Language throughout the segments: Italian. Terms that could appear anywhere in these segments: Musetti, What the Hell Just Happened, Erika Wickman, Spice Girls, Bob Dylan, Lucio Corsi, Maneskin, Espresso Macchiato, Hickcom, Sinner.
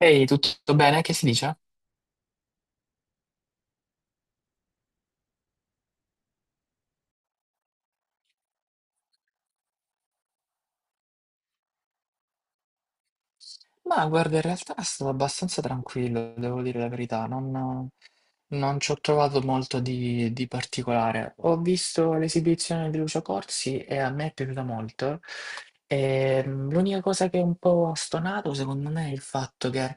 Ehi, tutto bene? Che si dice? Ma guarda, in realtà è stato abbastanza tranquillo, devo dire la verità, non ci ho trovato molto di particolare. Ho visto l'esibizione di Lucio Corsi e a me è piaciuta molto. L'unica cosa che è un po' stonato, secondo me, è il fatto che,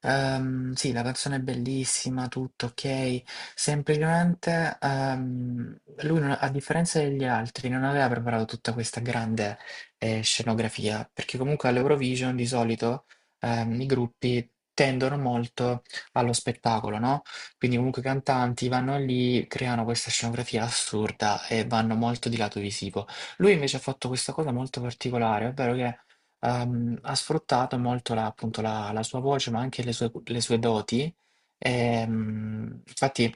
ehm, sì, la canzone è bellissima, tutto ok, semplicemente lui, a differenza degli altri, non aveva preparato tutta questa grande scenografia, perché comunque all'Eurovision di solito i gruppi tendono molto allo spettacolo, no? Quindi comunque i cantanti vanno lì, creano questa scenografia assurda e vanno molto di lato visivo. Lui invece ha fatto questa cosa molto particolare, ovvero che ha sfruttato molto appunto la sua voce, ma anche le sue doti. Infatti,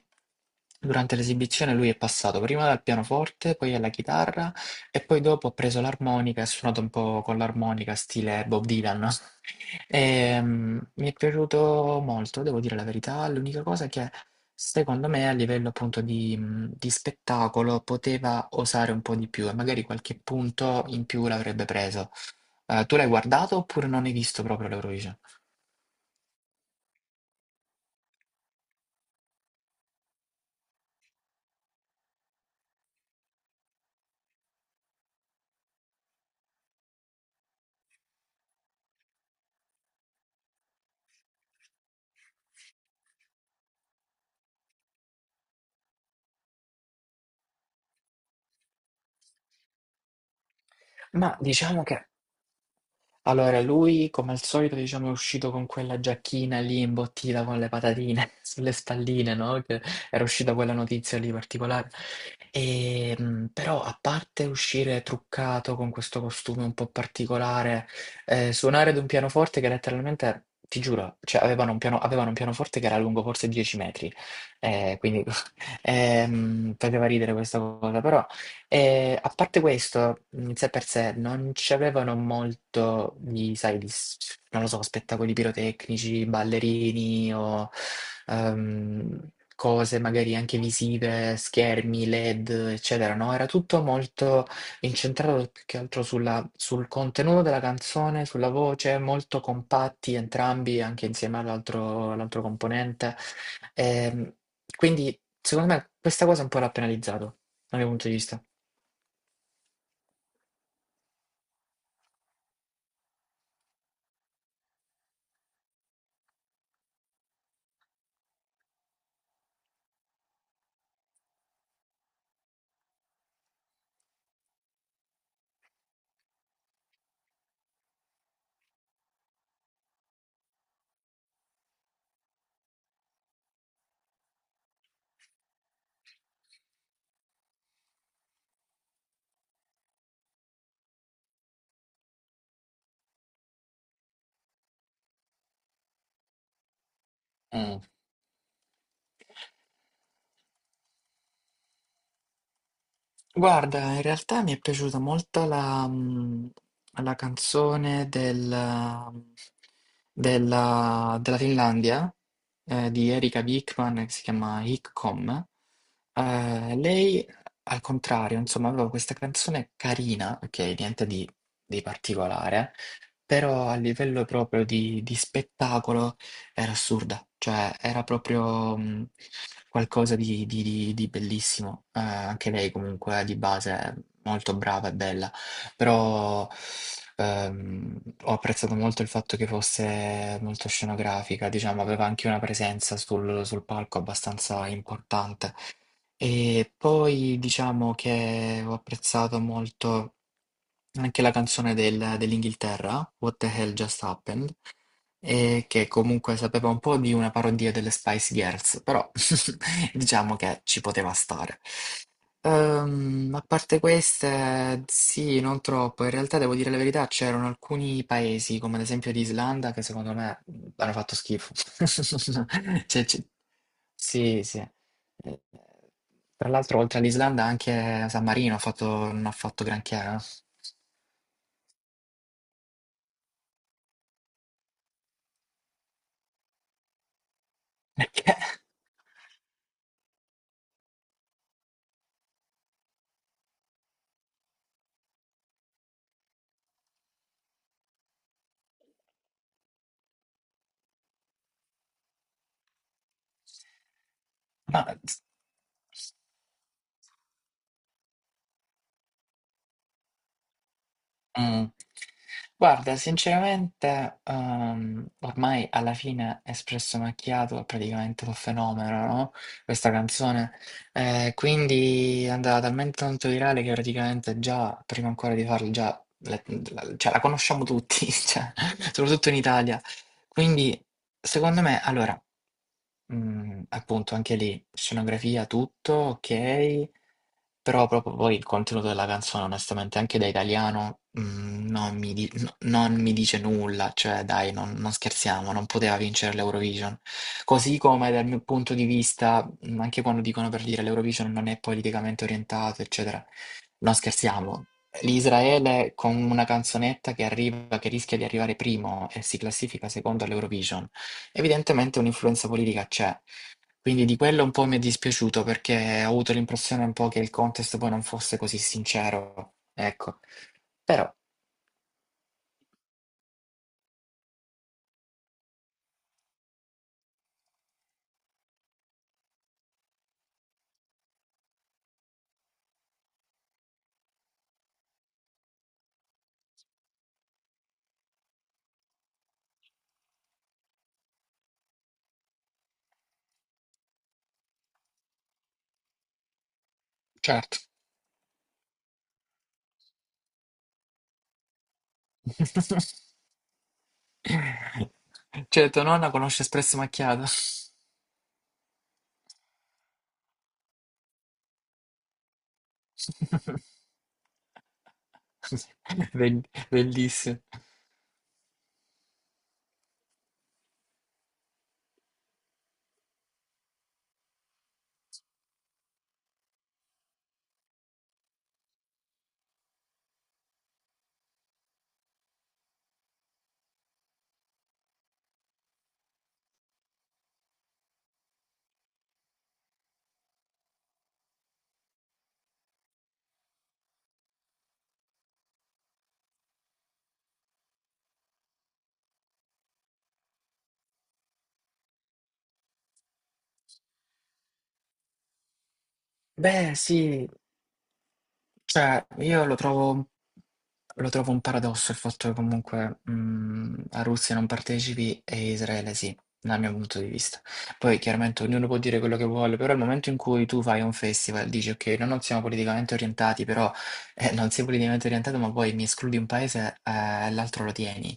durante l'esibizione lui è passato prima dal pianoforte, poi alla chitarra e poi dopo ha preso l'armonica e ha suonato un po' con l'armonica, stile Bob Dylan. Mi è piaciuto molto, devo dire la verità. L'unica cosa che secondo me a livello appunto di spettacolo poteva osare un po' di più e magari qualche punto in più l'avrebbe preso. Tu l'hai guardato oppure non hai visto proprio l'Eurovision? Ma diciamo che Allora, lui come al solito, diciamo, è uscito con quella giacchina lì imbottita con le patatine sulle spalline, no? Che era uscita quella notizia lì particolare. Però, a parte uscire truccato con questo costume un po' particolare, suonare ad un pianoforte che letteralmente, ti giuro, cioè, avevano un avevano un pianoforte che era lungo forse 10 metri, eh, quindi faceva ridere questa cosa, però. E a parte questo, in sé per sé, non c'avevano molto di, sai, non lo so, spettacoli pirotecnici, ballerini o ehm, cose magari anche visive, schermi, LED, eccetera, no? Era tutto molto incentrato più che altro sul contenuto della canzone, sulla voce, molto compatti entrambi, anche insieme all'altro componente. Ehm, quindi, secondo me, questa cosa un po' l'ha penalizzato, dal mio punto di vista. Mm. Guarda, in realtà mi è piaciuta molto la canzone mm, della Finlandia di Erika Wickman che si chiama Hickcom. Lei, al contrario, insomma, aveva questa canzone carina, ok, niente di particolare, però a livello proprio di spettacolo era assurda, cioè era proprio, mhmm, qualcosa di bellissimo. Anche lei comunque di base è molto brava e bella, però, ho apprezzato molto il fatto che fosse molto scenografica, diciamo, aveva anche una presenza sul palco abbastanza importante. E poi diciamo che ho apprezzato molto anche la canzone dell'Inghilterra, What the Hell Just Happened, e che comunque sapeva un po' di una parodia delle Spice Girls, però diciamo che ci poteva stare. A parte queste, sì, non troppo. In realtà, devo dire la verità, c'erano alcuni paesi, come ad esempio l'Islanda, che secondo me hanno fatto schifo. Cioè, c- sì, sì. Tra l'altro, oltre all'Islanda, anche San Marino non ha fatto granché. Eh. Ma, z- mm, Guarda, sinceramente, ormai alla fine Espresso Macchiato è praticamente un fenomeno, no? Questa canzone. Quindi è andata talmente tanto virale che praticamente già, prima ancora di farlo, cioè, la conosciamo tutti, cioè, soprattutto in Italia. Quindi, secondo me, allora, appunto, anche lì, scenografia, tutto, ok. Però proprio poi il contenuto della canzone, onestamente, anche da italiano, non mi non mi dice nulla, cioè dai, non scherziamo, non poteva vincere l'Eurovision. Così come dal mio punto di vista, anche quando dicono per dire l'Eurovision non è politicamente orientato, eccetera, non scherziamo. L'Israele con una canzonetta che arriva, che rischia di arrivare primo e si classifica secondo all'Eurovision, evidentemente un'influenza politica c'è. Quindi di quello un po' mi è dispiaciuto perché ho avuto l'impressione un po' che il contest poi non fosse così sincero. Ecco, però, certo. Cioè, tua nonna conosce Espresso Macchiato. Bell- Bellissimo. Beh, sì, Cioè, io lo trovo, lo trovo un paradosso il fatto che comunque la Russia non partecipi e Israele sì, dal mio punto di vista. Poi chiaramente ognuno può dire quello che vuole, però al momento in cui tu fai un festival, dici ok, noi non siamo politicamente orientati, però non sei politicamente orientato, ma poi mi escludi un paese e l'altro lo tieni.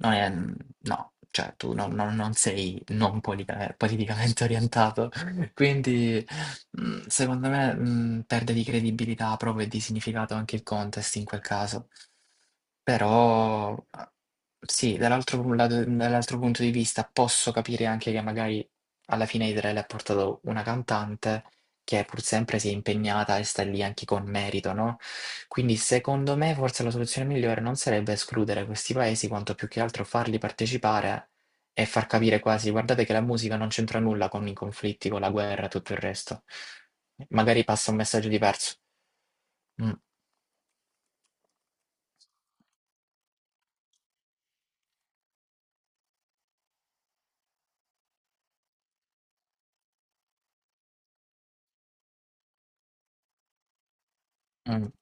Non è, no, cioè tu non sei non politica- politicamente orientato. Quindi, mhmm, secondo me, mhmm, perde di credibilità proprio e di significato anche il contest in quel caso. Però, a sì, dall'altro pu lato dall'altro punto di vista posso capire anche che magari alla fine Israele ha portato una cantante che pur sempre si è impegnata e sta lì anche con merito, no, quindi secondo me forse la soluzione migliore non sarebbe escludere questi paesi, quanto più che altro farli partecipare e far capire quasi, guardate che la musica non c'entra nulla con i conflitti, con la guerra, e tutto il resto. Magari passa un messaggio diverso. Mm, mm.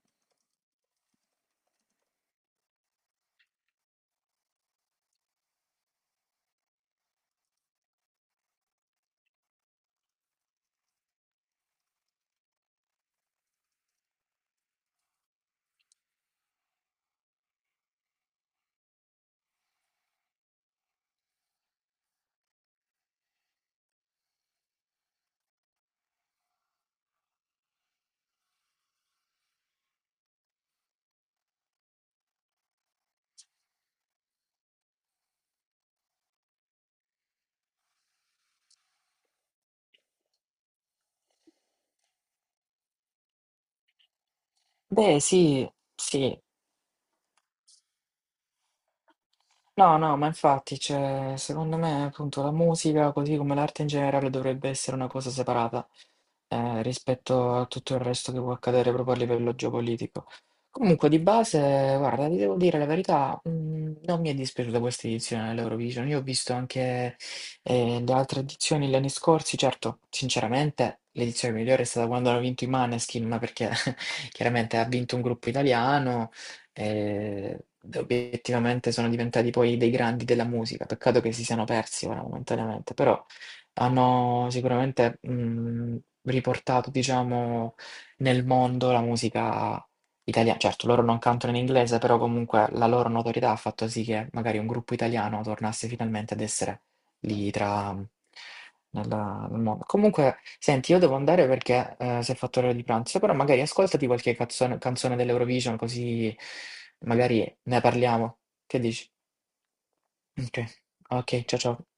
Beh, sì, sì. No, no, ma infatti, cioè, secondo me, appunto, la musica, così come l'arte in generale, dovrebbe essere una cosa separata, rispetto a tutto il resto che può accadere proprio a livello geopolitico. Comunque, di base, guarda, ti devo dire la verità, non mi è dispiaciuta questa edizione dell'Eurovision. Io ho visto anche, le altre edizioni gli anni scorsi, certo, sinceramente, l'edizione migliore è stata quando hanno vinto i Maneskin, ma perché chiaramente ha vinto un gruppo italiano e obiettivamente sono diventati poi dei grandi della musica. Peccato che si siano persi ora momentaneamente, però hanno sicuramente riportato, diciamo, nel mondo la musica italiana. Certo, loro non cantano in inglese, però comunque la loro notorietà ha fatto sì che magari un gruppo italiano tornasse finalmente ad essere lì tra nel mondo. Comunque, senti, io devo andare perché si è fatto l'ora di pranzo, però magari ascoltati qualche canzone dell'Eurovision, così magari ne parliamo. Che dici? Ok, ok, ciao ciao.